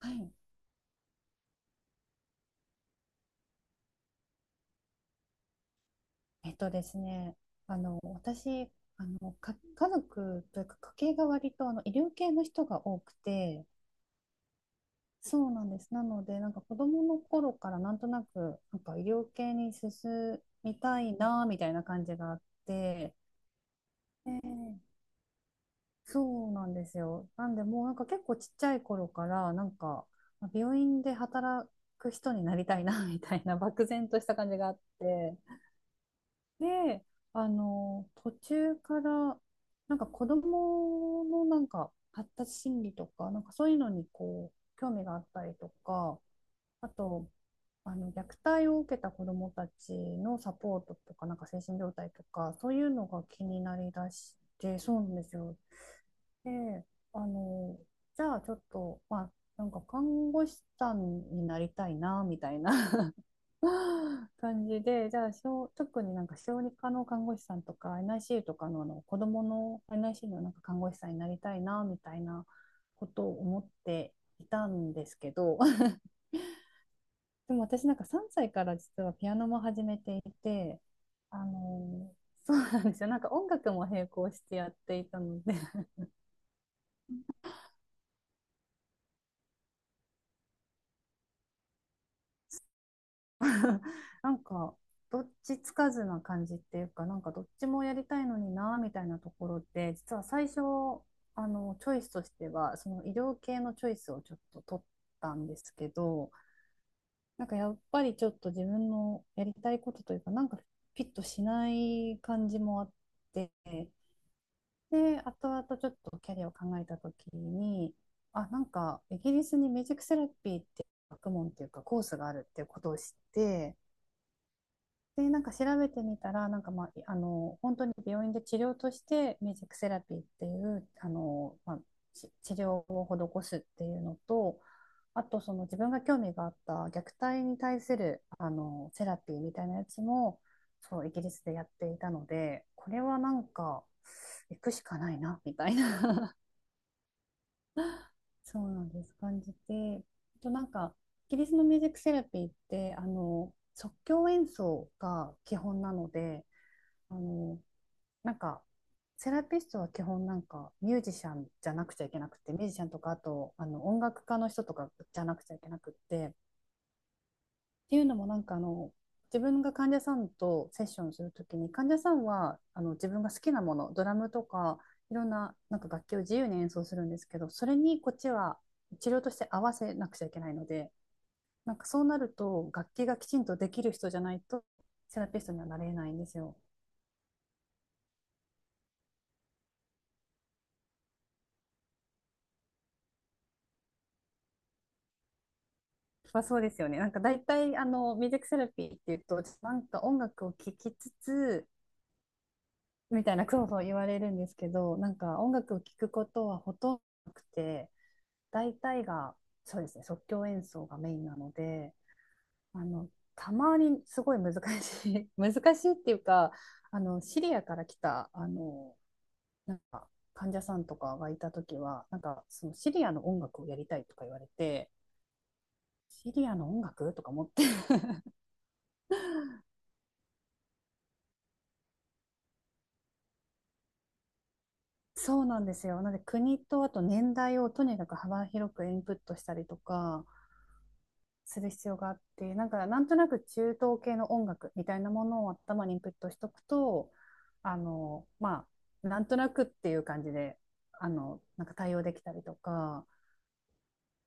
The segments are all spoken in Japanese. はい。えっとですね、あの、私、家族というか家系が割とあの医療系の人が多くて、そうなんです。なので、なんか子供の頃からなんとなく、なんか医療系に進みたいな、みたいな感じがあって、ええ、そうなんですよ。なんで、もうなんか結構ちっちゃい頃から、なんか、病院で働く人になりたいな、みたいな漠然とした感じがあって、で、あの、途中から、なんか子供のなんか発達心理とか、なんかそういうのにこう、興味があったりとか、あと、あの、虐待を受けた子供たちのサポートとか、なんか精神状態とか、そういうのが気になりだして、そうなんですよ。で、あの、じゃあちょっと、まあ、なんか看護師さんになりたいな、みたいな 感じで、じゃあ小、特になんか小児科の看護師さんとか NICU とかの、あの子供の NICU のなんか看護師さんになりたいなみたいなことを思っていたんですけど でも私なんか3歳から実はピアノも始めていて、あの、そうなんですよ。なんか音楽も並行してやっていたので、 なんかどっちつかずな感じっていうかなんかどっちもやりたいのになみたいなところで、実は最初あのチョイスとしてはその医療系のチョイスをちょっと取ったんですけど、なんかやっぱりちょっと自分のやりたいことというかなんかピットしない感じもあって、で後々ちょっとキャリアを考えた時に、あなんかイギリスにミュージックセラピーって学問っていうかコースがあるっていうことを知って、で、なんか調べてみたら、なんかまあ、あの、本当に病院で治療として、ミュージックセラピーっていう、あの、まあ、治療を施すっていうのと、あと、その自分が興味があった虐待に対する、あの、セラピーみたいなやつも、そう、イギリスでやっていたので、これはなんか、行くしかないな、みたいな、そうなんです、感じて、あとなんか、イギリスのミュージックセラピーって、あの、即興演奏が基本なので、あの、なんか、セラピストは基本なんかミュージシャンじゃなくちゃいけなくて、ミュージシャンとかあとあの音楽家の人とかじゃなくちゃいけなくって、っていうのもなんかあの、自分が患者さんとセッションするときに、患者さんはあの自分が好きなもの、ドラムとかいろんな、なんか楽器を自由に演奏するんですけど、それにこっちは治療として合わせなくちゃいけないので、なんかそうなると楽器がきちんとできる人じゃないとセラピストにはなれないんですよ。まあ、そうですよね。なんか大体、あの、ミュージックセラピーっていうと、なんか音楽を聴きつつ、みたいな、そうそう言われるんですけど、なんか音楽を聴くことはほとんどなくて、大体が、そうですね、即興演奏がメインなので、あの、たまにすごい難しい 難しいっていうか、あの、シリアから来た、あの、なんか、患者さんとかがいたときは、なんか、そのシリアの音楽をやりたいとか言われて、シリアの音楽とか思って、そうなんですよ。なので国とあと年代をとにかく幅広くインプットしたりとかする必要があって、なんかなんとなく中東系の音楽みたいなものを頭にインプットしとくと、あの、まあ、なんとなくっていう感じで、あの、なんか対応できたりとか、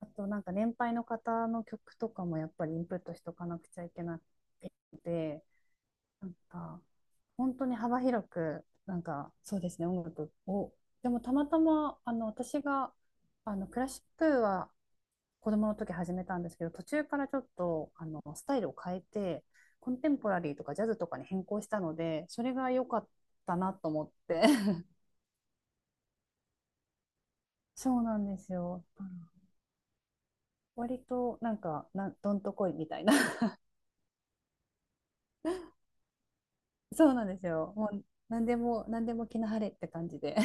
あとなんか年配の方の曲とかもやっぱりインプットしとかなくちゃいけなくて、なんか本当に幅広く、なんか、そうですね、音楽を。でも、たまたま、あの、私が、あの、クラシックは子供の時始めたんですけど、途中からちょっと、あの、スタイルを変えて、コンテンポラリーとかジャズとかに変更したので、それが良かったなと思って。そうなんですよ。あの、割と、どんとこいみたいな。そうなんですよ。もう、なんでも、なんでも気の晴れって感じで。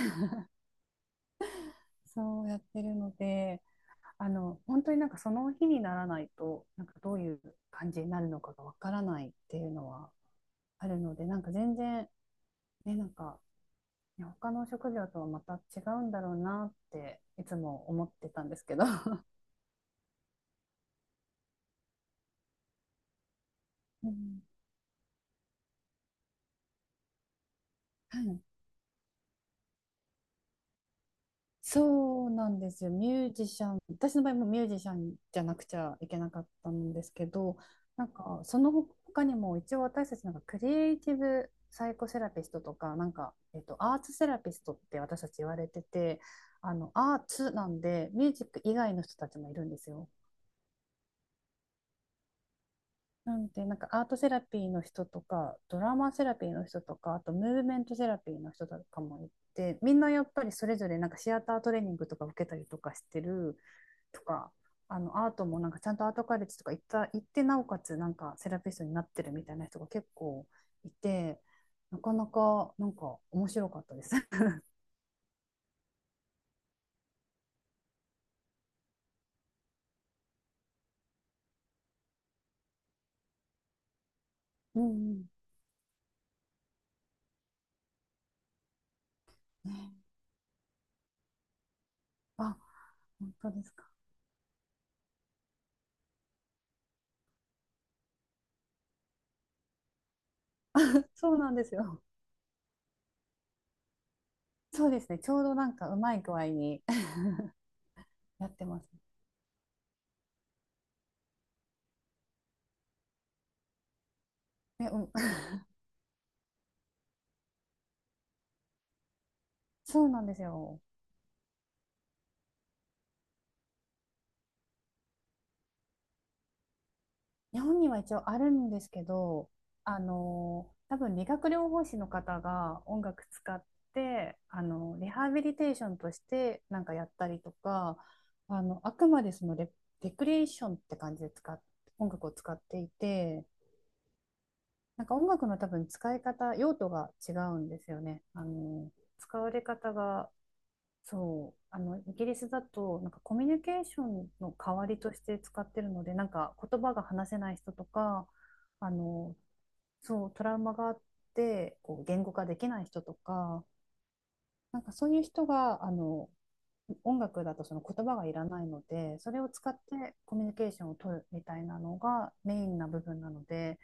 そうやってるので、あの、本当になんかその日にならないと、なんかどういう感じになるのかがわからないっていうのはあるので、なんか全然、ね、なんか、ね、他の職業とはまた違うんだろうなっていつも思ってたんですけど。うん、はい、そうなんですよ。ミュージシャン、私の場合もミュージシャンじゃなくちゃいけなかったんですけど、なんかその他にも一応私たちなんかクリエイティブサイコセラピストとか、なんか、えっと、アーツセラピストって私たち言われてて、あの、アーツなんでミュージック以外の人たちもいるんですよ。なんで、なんかアートセラピーの人とか、ドラマセラピーの人とか、あとムーブメントセラピーの人とかもいて、みんなやっぱりそれぞれなんかシアタートレーニングとか受けたりとかしてる、とか、あのアートもなんかちゃんとアートカレッジとか行って、なおかつなんかセラピストになってるみたいな人が結構いて、なかなかなんか面白かったです。 うんうん、ね、あ、本当ですか。そうなんですよ。そうですね。ちょうどなんかうまい具合に やってます。ね、うん、そうなんですよ。日本には一応あるんですけど、あの、多分理学療法士の方が音楽使って、あの、リハビリテーションとしてなんかやったりとか、あの、あくまでレクリエーションって感じで使っ、音楽を使っていて、なんか音楽の多分使い方、用途が違うんですよね。あの、使われ方がそう、あの、イギリスだと、なんかコミュニケーションの代わりとして使ってるので、なんか言葉が話せない人とか、あの、そう、トラウマがあって、こう、言語化できない人とか、なんかそういう人が、あの、音楽だとその言葉がいらないので、それを使ってコミュニケーションを取るみたいなのがメインな部分なので、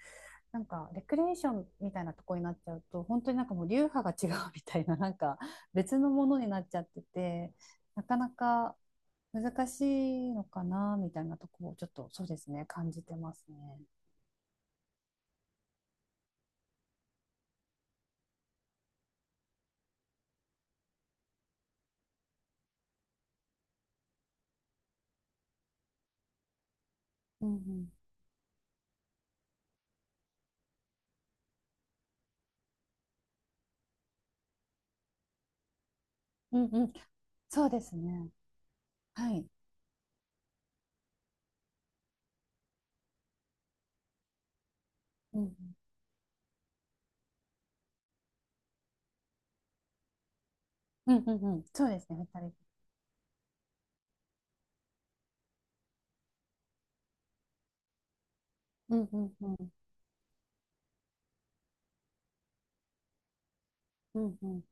なんかレクリエーションみたいなとこになっちゃうと本当になんかもう流派が違うみたいななんか別のものになっちゃってて、なかなか難しいのかなみたいなとこをちょっとそうですね感じてますね。うんうん、うんうん、そうですね。はい。うんうんうんうんうん、そうですね、ふたり、うんうんうんうんうん、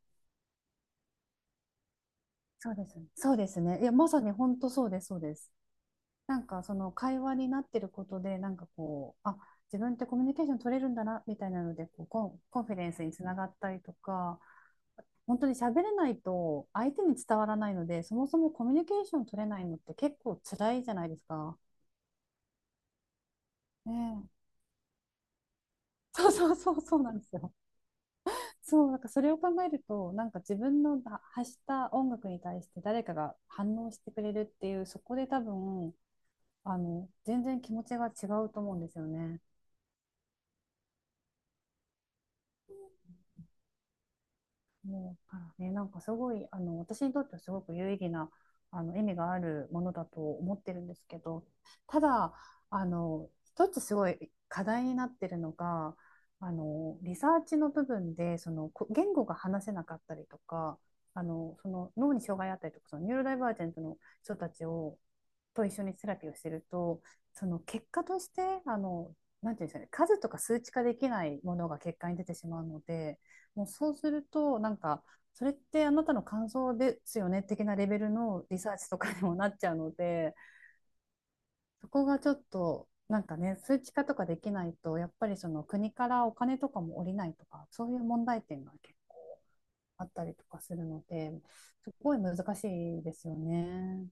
そうですね。そうですね。いや、まさに本当そうです、そうです。なんかその会話になってることで、なんかこう、あ、自分ってコミュニケーション取れるんだな、みたいなので、こう、コンフィデンスにつながったりとか、本当に喋れないと相手に伝わらないので、そもそもコミュニケーション取れないのって結構辛いじゃないですか。ねえ。そう、 そう、そう、そうなんですよ。そう、なんかそれを考えると、なんか自分の発した音楽に対して誰かが反応してくれるっていう、そこで多分、あの、全然気持ちが違うと思うんですよね。もうからね、なんかすごい、あの、私にとってはすごく有意義な、あの、意味があるものだと思ってるんですけど、ただ、あの、一つすごい課題になってるのが、あの、リサーチの部分で、その、言語が話せなかったりとか、あの、その脳に障害あったりとか、そのニューロダイバージェントの人たちを、と一緒にセラピーをしてると、その結果として、あの、なんていうんですかね、数とか数値化できないものが結果に出てしまうので、もうそうすると、なんか、それってあなたの感想ですよね的なレベルのリサーチとかにもなっちゃうので、そこがちょっと、なんかね、数値化とかできないと、やっぱりその国からお金とかも下りないとか、そういう問題点が結構あったりとかするので、すごい難しいですよね。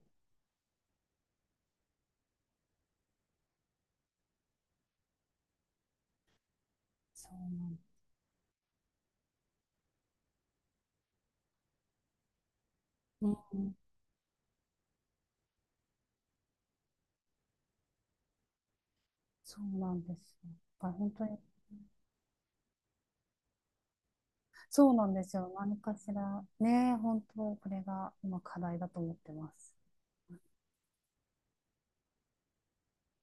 そうなん、うん、そうなんですよ。だから本当に、そうなんですよ。何かしら、ね、本当、これが今課題だと思ってます。